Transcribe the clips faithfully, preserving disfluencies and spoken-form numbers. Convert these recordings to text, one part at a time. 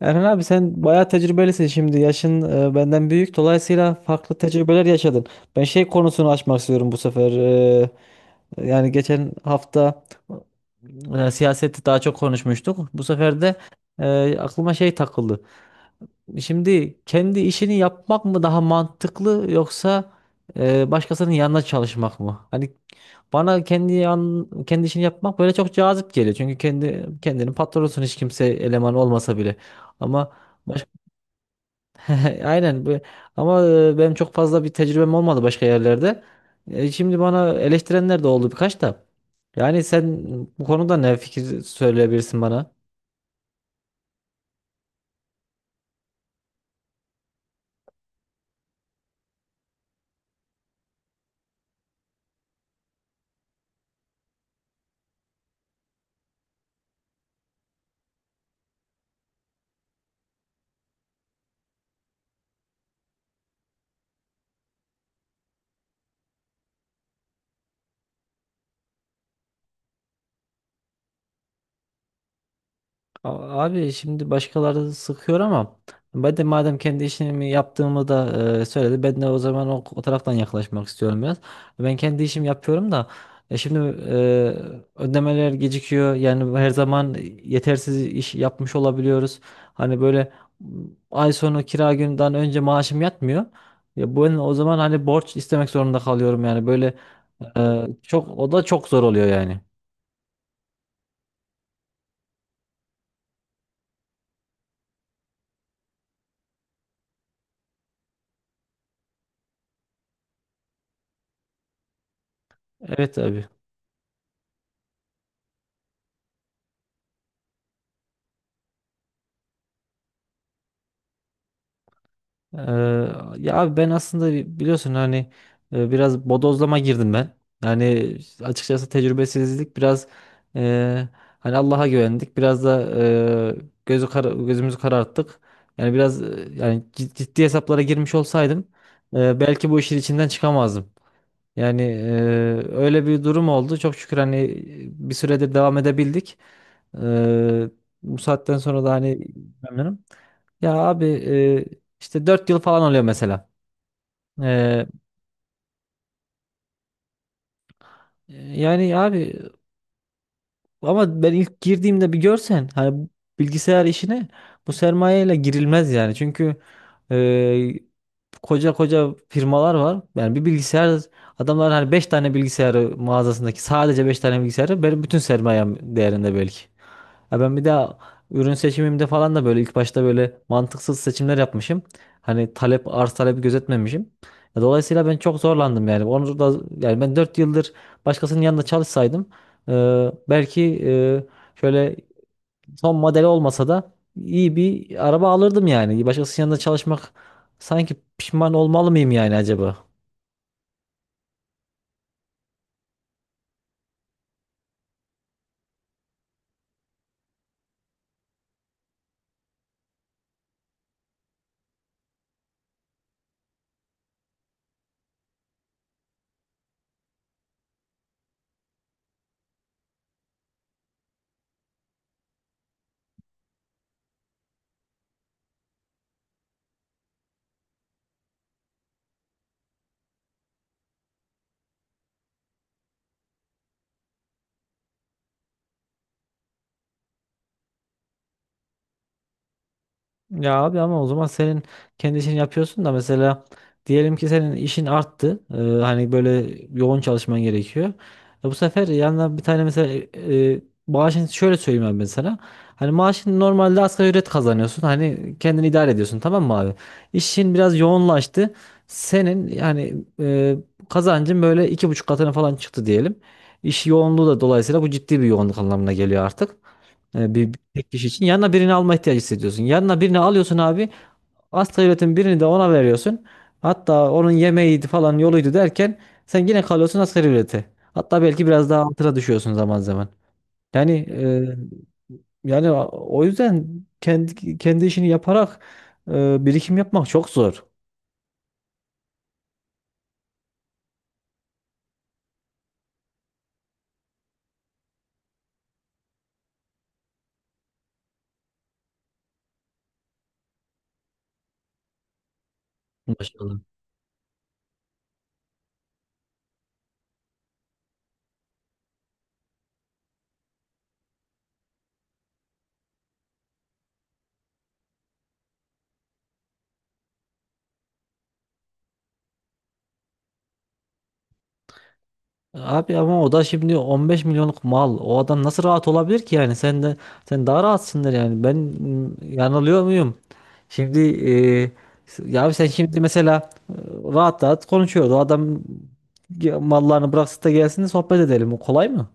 Erhan abi sen bayağı tecrübelisin şimdi. Yaşın e, benden büyük. Dolayısıyla farklı tecrübeler yaşadın. Ben şey konusunu açmak istiyorum bu sefer. E, yani geçen hafta e, siyaseti daha çok konuşmuştuk. Bu sefer de e, aklıma şey takıldı. Şimdi kendi işini yapmak mı daha mantıklı, yoksa e, başkasının yanına çalışmak mı? Hani bana kendi yan, kendi işini yapmak böyle çok cazip geliyor. Çünkü kendi kendinin patronusun, hiç kimse eleman olmasa bile. Ama baş- aynen bu- ama e, benim çok fazla bir tecrübem olmadı başka yerlerde. E, şimdi bana eleştirenler de oldu birkaç da. Yani sen bu konuda ne fikir söyleyebilirsin bana? A- Abi, şimdi başkaları sıkıyor ama ben de madem kendi işimi yaptığımı da e, söyledi, ben de o zaman o, o taraftan yaklaşmak istiyorum biraz. Ben kendi işimi yapıyorum da e, şimdi e, ödemeler gecikiyor, yani her zaman yetersiz iş yapmış olabiliyoruz. Hani böyle m, ay sonu kira günden önce maaşım yatmıyor. Ya ben o zaman hani borç istemek zorunda kalıyorum, yani böyle e, çok, o da çok zor oluyor yani. Evet abi. Ee, ya abi, ben aslında bi- biliyorsun hani, e, biraz bodozlama girdim ben. Yani açıkçası tecrübesizlik biraz, e, hani Allah'a güvendik. Biraz da e, gözü kara- gözümüzü kararttık. Yani biraz e, yani cid- ciddi hesaplara girmiş olsaydım e, belki bu işin içinden çıkamazdım. Yani e, öyle bir durum oldu. Çok şükür hani e, bir süredir devam edebildik. Ee, bu saatten sonra da hani memnunum. Ya abi, e, işte dört yıl falan oluyor mesela. Ee, yani abi, ama ben ilk girdiğimde bir görsen hani, bilgisayar işine bu sermayeyle girilmez yani. Çünkü koca koca firmalar var. Yani bir bilgisayar, adamlar hani beş tane bilgisayarı mağazasındaki, sadece beş tane bilgisayarı benim bütün sermayem değerinde belki. Ya ben bir daha ürün seçimimde falan da böyle ilk başta böyle mantıksız seçimler yapmışım. Hani talep, arz talebi gözetmemişim. Ya, dolayısıyla ben çok zorlandım yani. Onu da, yani ben dört yıldır başkasının yanında çalışsaydım, e, belki e, şöyle son model olmasa da iyi bir araba alırdım yani. Başkasının yanında çalışmak, sanki pişman olmalı mıyım yani acaba? Ya abi, ama o zaman senin kendi işini yapıyorsun da mesela, diyelim ki senin işin arttı. Ee, hani böyle yoğun çalışman gerekiyor. E bu sefer yanına bir tane mesela, e, e, maaşın, şöyle söyleyeyim abi ben sana. Hani maaşın normalde asgari ücret kazanıyorsun. Hani kendini idare ediyorsun, tamam mı abi? İşin biraz yoğunlaştı. Senin yani e, kazancın böyle iki buçuk katına falan çıktı diyelim. İş yoğunluğu da dolayısıyla bu ciddi bir yoğunluk anlamına geliyor artık. E, bir bir tek kişi için yanına birini alma ihtiyacı hissediyorsun. Yanına birini alıyorsun abi. Asgari ücretin birini de ona veriyorsun. Hatta onun yemeğiydi falan, yoluydu derken sen yine kalıyorsun asgari ücrete. Hatta belki biraz daha altına düşüyorsun zaman zaman. Yani e, yani o yüzden kendi kendi işini yaparak e, birikim yapmak çok zor. Maşallah. Abi ama o da şimdi on beş milyonluk mal. O adam nasıl rahat olabilir ki yani? Sen de sen daha rahatsındır yani. Ben mm, yanılıyor muyum? Şimdi e, s- ya abi, sen şimdi mesela e, rahat rahat konuşuyordu. O adam ge- mallarını bıraksın da gelsin de sohbet edelim. O kolay mı?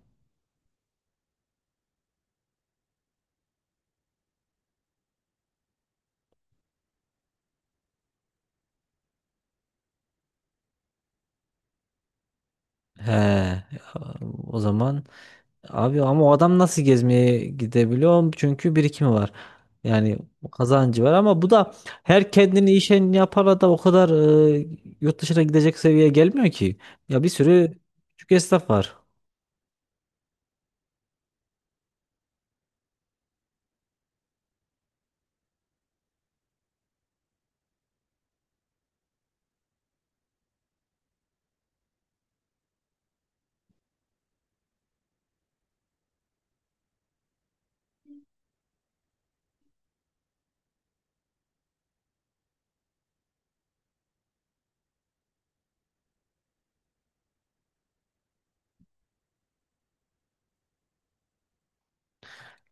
He. O zaman, abi ama o adam nasıl gezmeye gidebiliyor? Çünkü birikimi var. Yani kazancı var, ama bu da her kendini işen yapara da o kadar e, yurt dışına gidecek seviyeye gelmiyor ki. Ya bir sürü küçük esnaf var.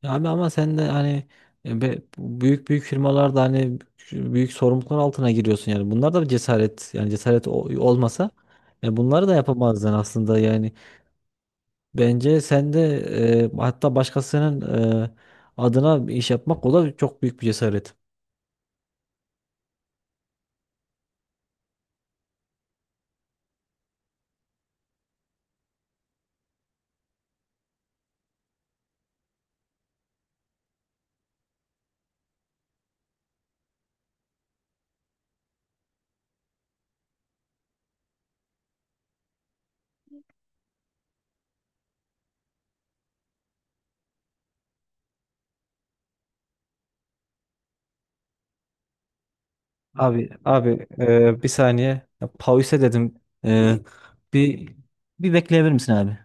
Ya abi, ama sen de hani e, be- büyük büyük firmalarda hani büyük sorumluluklar altına giriyorsun yani. Bunlar da bir cesaret, yani cesaret o- olmasa yani, bunları da yapamazdın aslında yani. Bence sen de e, hatta başkasının e, adına bir iş yapmak, o da çok büyük bir cesaret. Abi abi, e, bir saniye. Ya, pause dedim. E, bir Bir bekleyebilir misin abi?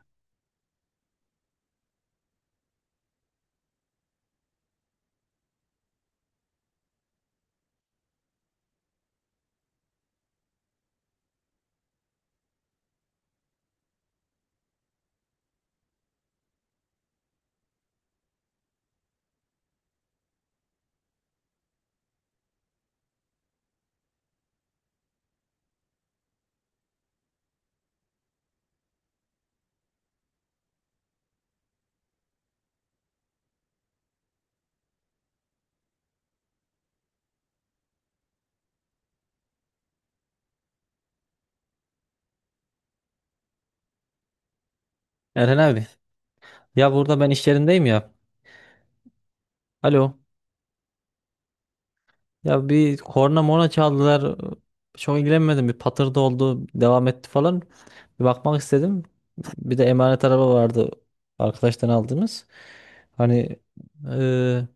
Erhan abi. Ya burada ben iş yerindeyim ya. Alo. Ya, bir korna morna çaldılar. Çok ilgilenmedim. Bir patırdı oldu. Devam etti falan. Bir bakmak istedim. Bir de emanet araba vardı. Arkadaştan aldığımız. Hani eee,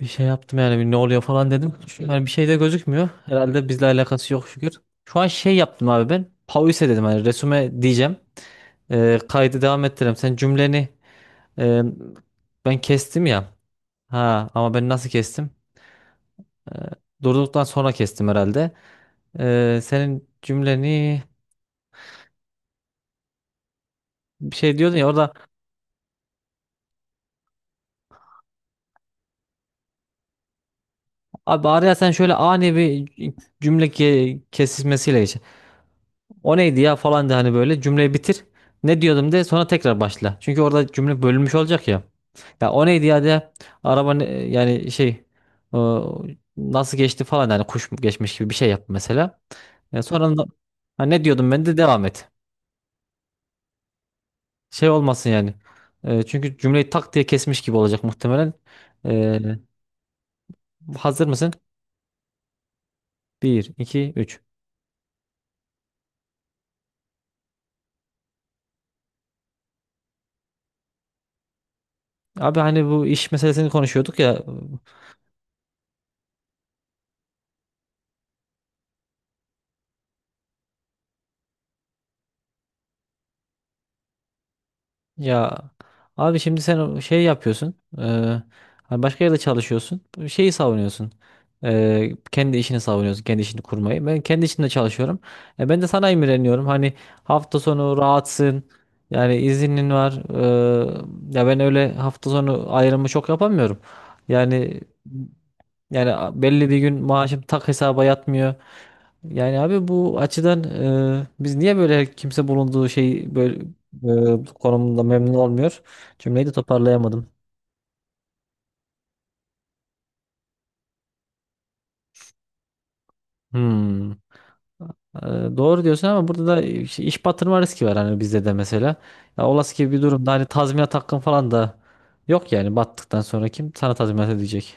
bir şey yaptım yani, bir ne oluyor falan dedim. Şu- Yani bir şey de gözükmüyor. Herhalde bizle alakası yok, şükür. Şu an şey yaptım abi ben. Pause dedim, hani resume diyeceğim. Eee, kaydı devam ettireyim. Sen cümleni, eee, ben kestim ya. Ha, ama ben nasıl kestim? Eee, durduktan sonra kestim herhalde. Ee, senin cümleni bir şey diyordun ya orada abi, araya sen şöyle ani bir cümle ke- kesişmesiyle geç. O neydi ya falan de, hani böyle cümleyi bitir. Ne diyordum de, sonra tekrar başla. Çünkü orada cümle bölünmüş olacak ya. Ya o neydi ya de, araba ne- yani şey, o nasıl geçti falan, yani kuş mu geçmiş gibi bir şey yap mesela. E, sonra da- ha, ne diyordum, ben de devam et. Şey olmasın yani. E, çünkü cümleyi tak diye kesmiş gibi olacak muhtemelen. E, hazır mısın? Bir, iki, üç. Abi, hani bu iş meselesini konuşuyorduk ya. Ya abi, şimdi sen o şey yapıyorsun, e, hani başka yerde çalışıyorsun. Bu şeyi savunuyorsun, e, kendi işini savunuyorsun. Kendi işini kurmayı. Ben kendi işimde çalışıyorum. E, ben de sana imreniyorum. Hani hafta sonu rahatsın. Yani izinin var. e, ya ben öyle hafta sonu ayrımı çok yapamıyorum. Yani yani belli bir gün maaşım tak hesaba yatmıyor. Yani abi, bu açıdan e, biz niye böyle kimse bulunduğu şey böyle e, konumunda memnun olmuyor? Cümleyi de toparlayamadım. Hmm. E, doğru diyorsun, ama burada da iş, iş batırma riski var hani bizde de mesela. Ya olası gibi bir durumda hani tazminat hakkın falan da yok yani, battıktan sonra kim sana tazminat edecek?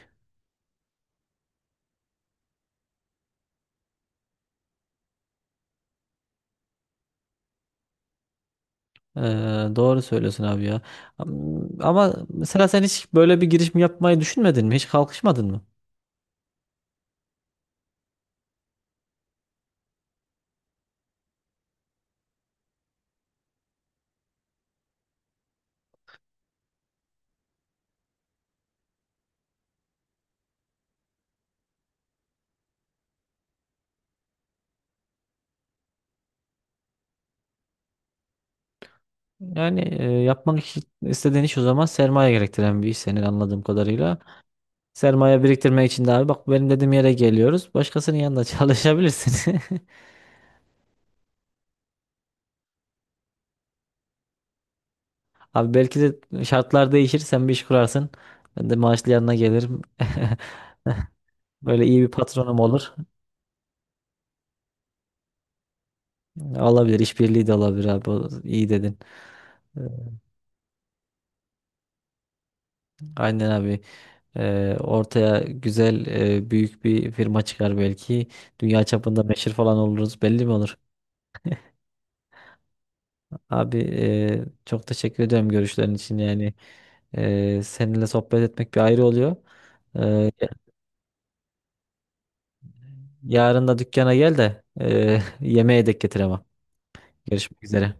E, doğru söylüyorsun abi ya. Am- Ama mesela sen hiç böyle bir girişim yapmayı düşünmedin mi? Hiç kalkışmadın mı? Yani e, yapmak iş- istediğin iş o zaman sermaye gerektiren bir iş senin, anladığım kadarıyla. Sermaye biriktirmek için de abi, bak benim dediğim yere geliyoruz. Başkasının yanında çalışabilirsin. Abi, belki de şartlar değişir, sen bir iş kurarsın. Ben de maaşlı yanına gelirim. Böyle iyi bir patronum olur. Olabilir, işbirliği de olabilir abi. O- İyi dedin. Ee, Aynen abi. Ee, ortaya güzel e, büyük bir firma çıkar belki. Dünya çapında meşhur falan oluruz. Belli mi olur? Abi, e, çok teşekkür ediyorum görüşlerin için. Yani e, seninle sohbet etmek bir ayrı oluyor. E, yarın da dükkana gel de, e, yemeğe de getir ama. Görüşmek üzere.